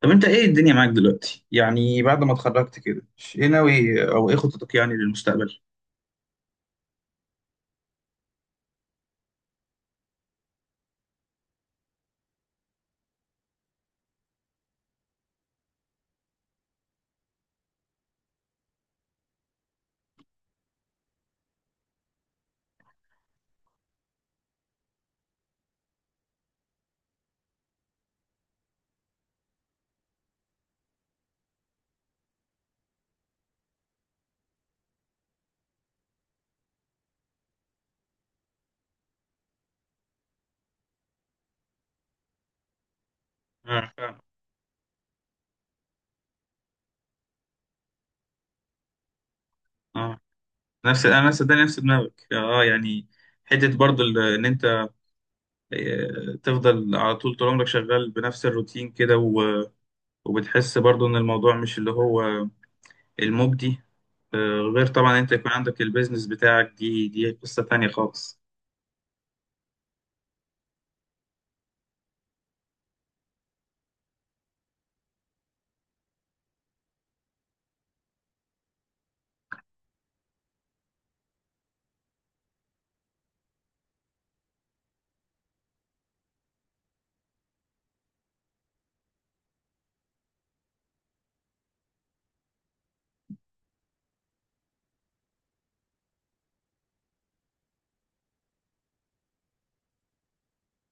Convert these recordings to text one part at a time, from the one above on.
طب انت ايه الدنيا معاك دلوقتي، يعني بعد ما اتخرجت كده؟ ايه ناوي او ايه خطتك يعني للمستقبل؟ اه، فاهم. اه، نفس، انا صدقني نفس دماغك، اه يعني حته برضو ان انت تفضل على طول طول عمرك شغال بنفس الروتين كده وبتحس برضو ان الموضوع مش اللي هو المجدي. غير طبعا انت يكون عندك البيزنس بتاعك، دي قصه تانية خالص.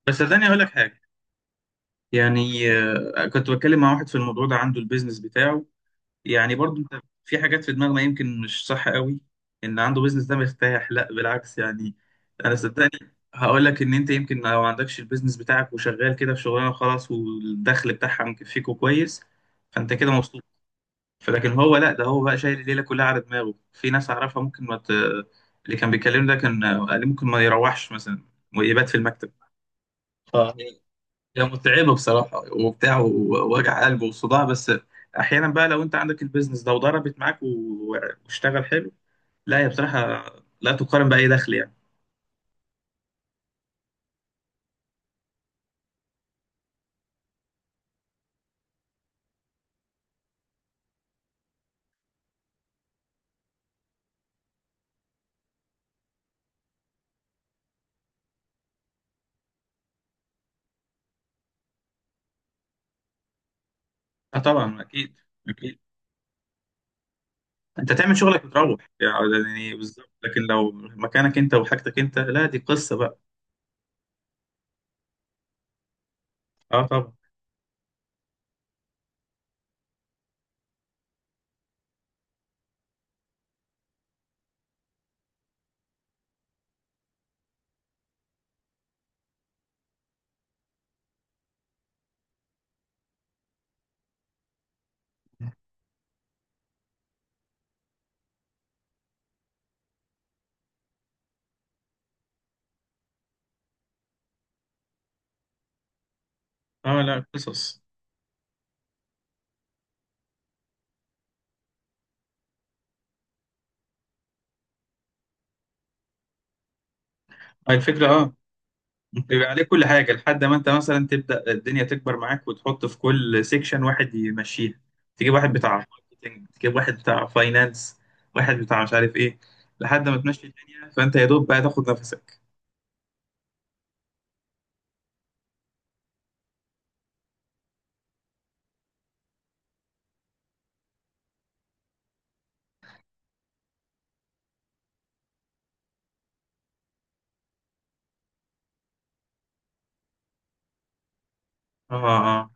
بس صدقني اقول لك حاجه، يعني كنت بتكلم مع واحد في الموضوع ده عنده البيزنس بتاعه. يعني برضو انت في حاجات في دماغنا يمكن مش صح قوي، ان عنده بيزنس ده مرتاح، لا بالعكس يعني. انا صدقني هقول لك ان انت يمكن لو ما عندكش البيزنس بتاعك وشغال كده في شغلانه وخلاص والدخل بتاعها مكفيكوا كويس، فانت كده مبسوط. فلكن هو لا، ده هو بقى شايل الليله كلها على دماغه، في ناس اعرفها ممكن ما ت. اللي كان بيكلمني ده كان قال لي ممكن ما يروحش مثلا ويبات في المكتب. اه، هي متعبة بصراحة وبتاع ووجع قلب وصداع. بس أحيانا بقى لو أنت عندك البيزنس ده وضربت معاك واشتغل حلو، لا هي بصراحة لا تقارن بأي دخل يعني. أه طبعا، أكيد، أكيد. أنت تعمل شغلك وتروح يعني بالظبط، لكن لو مكانك أنت وحاجتك أنت، لا دي قصة بقى. أه طبعا. أه، لا قصص. هاي الفكرة، أه. بيبقى عليه كل حاجة لحد ما انت مثلا تبدأ الدنيا تكبر معاك وتحط في كل سيكشن واحد يمشيها. تجيب واحد بتاع ماركتنج، تجيب واحد بتاع فاينانس، واحد بتاع مش عارف ايه، لحد ما تمشي الدنيا فانت يا دوب بقى تاخد نفسك. اه، اه، آه.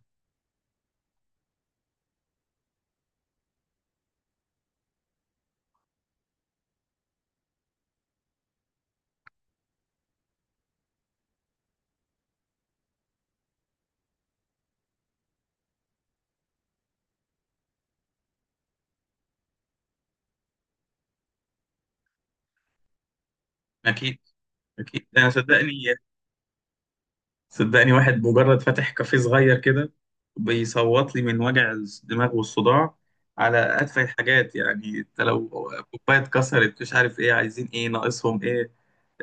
اكيد، اكيد. انا صدقني، صدقني. واحد مجرد فاتح كافيه صغير كده بيصوت لي من وجع الدماغ والصداع على أتفه الحاجات، يعني انت لو كوباية اتكسرت، مش عارف ايه، عايزين ايه، ناقصهم ايه،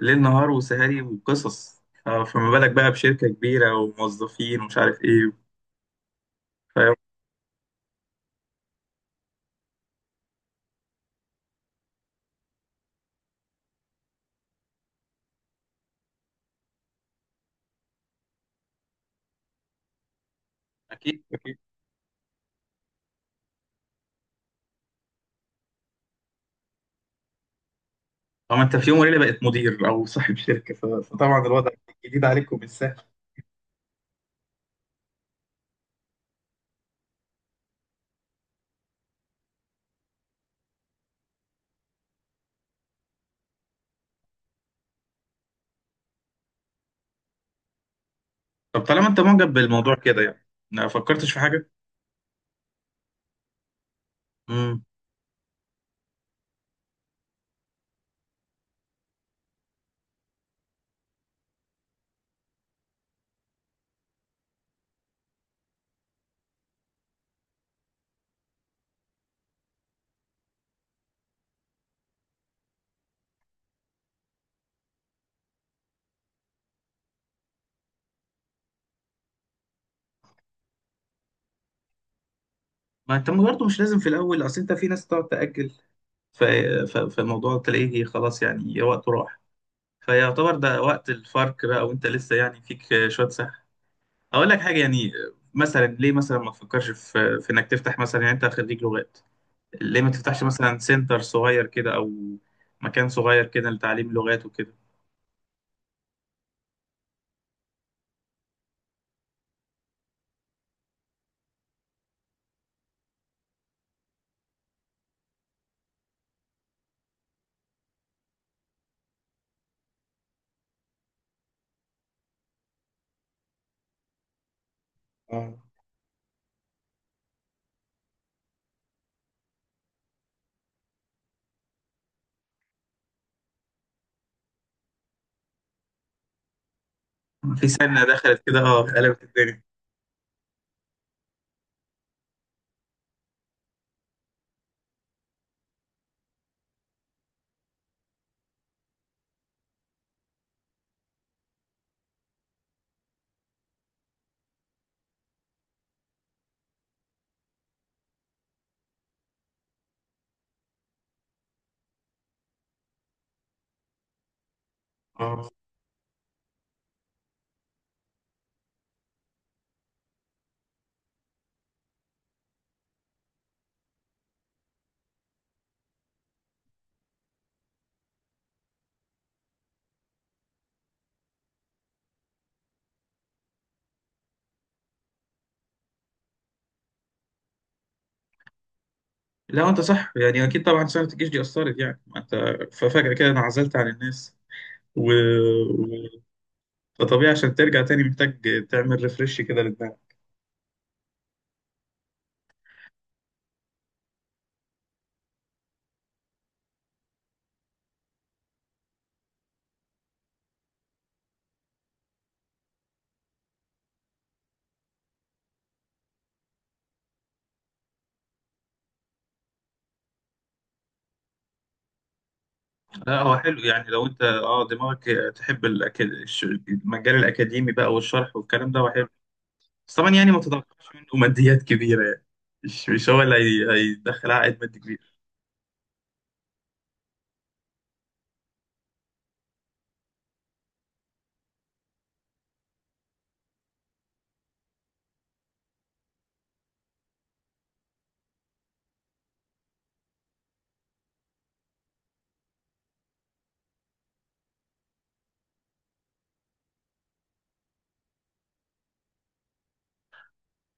ليل نهار وسهري وقصص، فما بالك بقى بشركة كبيرة وموظفين ومش عارف ايه. فاهم. أكيد، أكيد. طبعا انت في يوم وليلة بقيت مدير أو صاحب شركة، فطبعا الوضع جديد عليكم، مش سهل. طب طالما انت معجب بالموضوع كده يعني، ما فكرتش في حاجة؟ مم. ما انت برضه مش لازم في الاول، اصل انت في ناس تقعد تاجل، ف- فالموضوع تلاقيه خلاص يعني وقته راح. فيعتبر ده وقت الفرق بقى، وانت لسه يعني فيك شويه سحر. اقول لك حاجه يعني، مثلا ليه مثلا ما تفكرش في انك تفتح مثلا، يعني انت خريج لغات، ليه ما تفتحش مثلا سنتر صغير كده او مكان صغير كده لتعليم لغات وكده. اه، في سنه دخلت كده، اه، قلبت الدنيا. اه، لا انت صح يعني، اكيد طبعا سنه الجيش دي اثرت، يعني ما انت ففجاه كده انعزلت عن الناس و. فطبيعي عشان ترجع تاني محتاج تعمل ريفرش كده لدماغك. لا هو حلو يعني، لو انت دماغك تحب المجال الاكاديمي بقى والشرح والكلام ده، هو حلو. بس طبعا يعني ما تتوقعش منه ماديات كبيره يعني، مش هو اللي هيدخل عائد مادي كبير.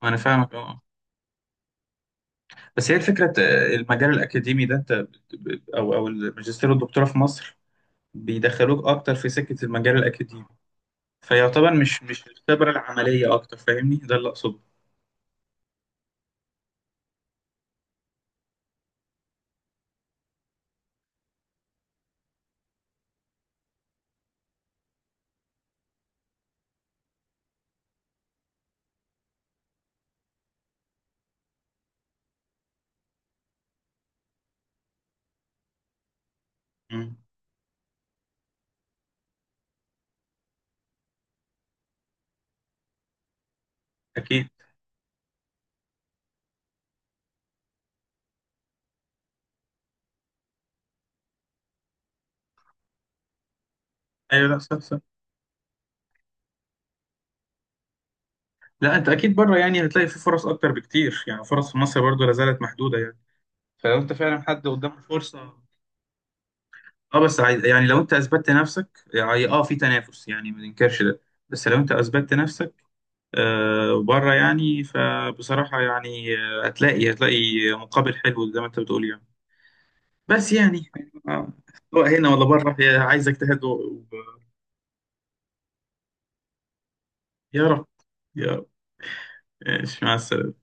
انا فاهمك، اه. بس هي الفكره، المجال الاكاديمي ده انت او الماجستير والدكتوراه في مصر بيدخلوك اكتر في سكه المجال الاكاديمي، فيعتبر مش الخبره العمليه اكتر، فاهمني ده اللي اقصده. مم. اكيد. ايوه، لا صح، صح. لا انت اكيد بره يعني هتلاقي في فرص اكتر بكتير، يعني فرص في مصر برضو لا زالت محدوده يعني. فلو انت فعلا حد قدامه فرصه، اه. بس عايز يعني، لو انت اثبتت نفسك يعني، اه، في تنافس يعني ما ننكرش ده. بس لو انت اثبتت نفسك بره يعني، فبصراحه يعني هتلاقي مقابل حلو زي ما انت بتقول، يعني بس يعني. آه. سواء هنا ولا بره، هي عايزك تهدوا. يا رب، يا رب. ماشي، مع السلامه.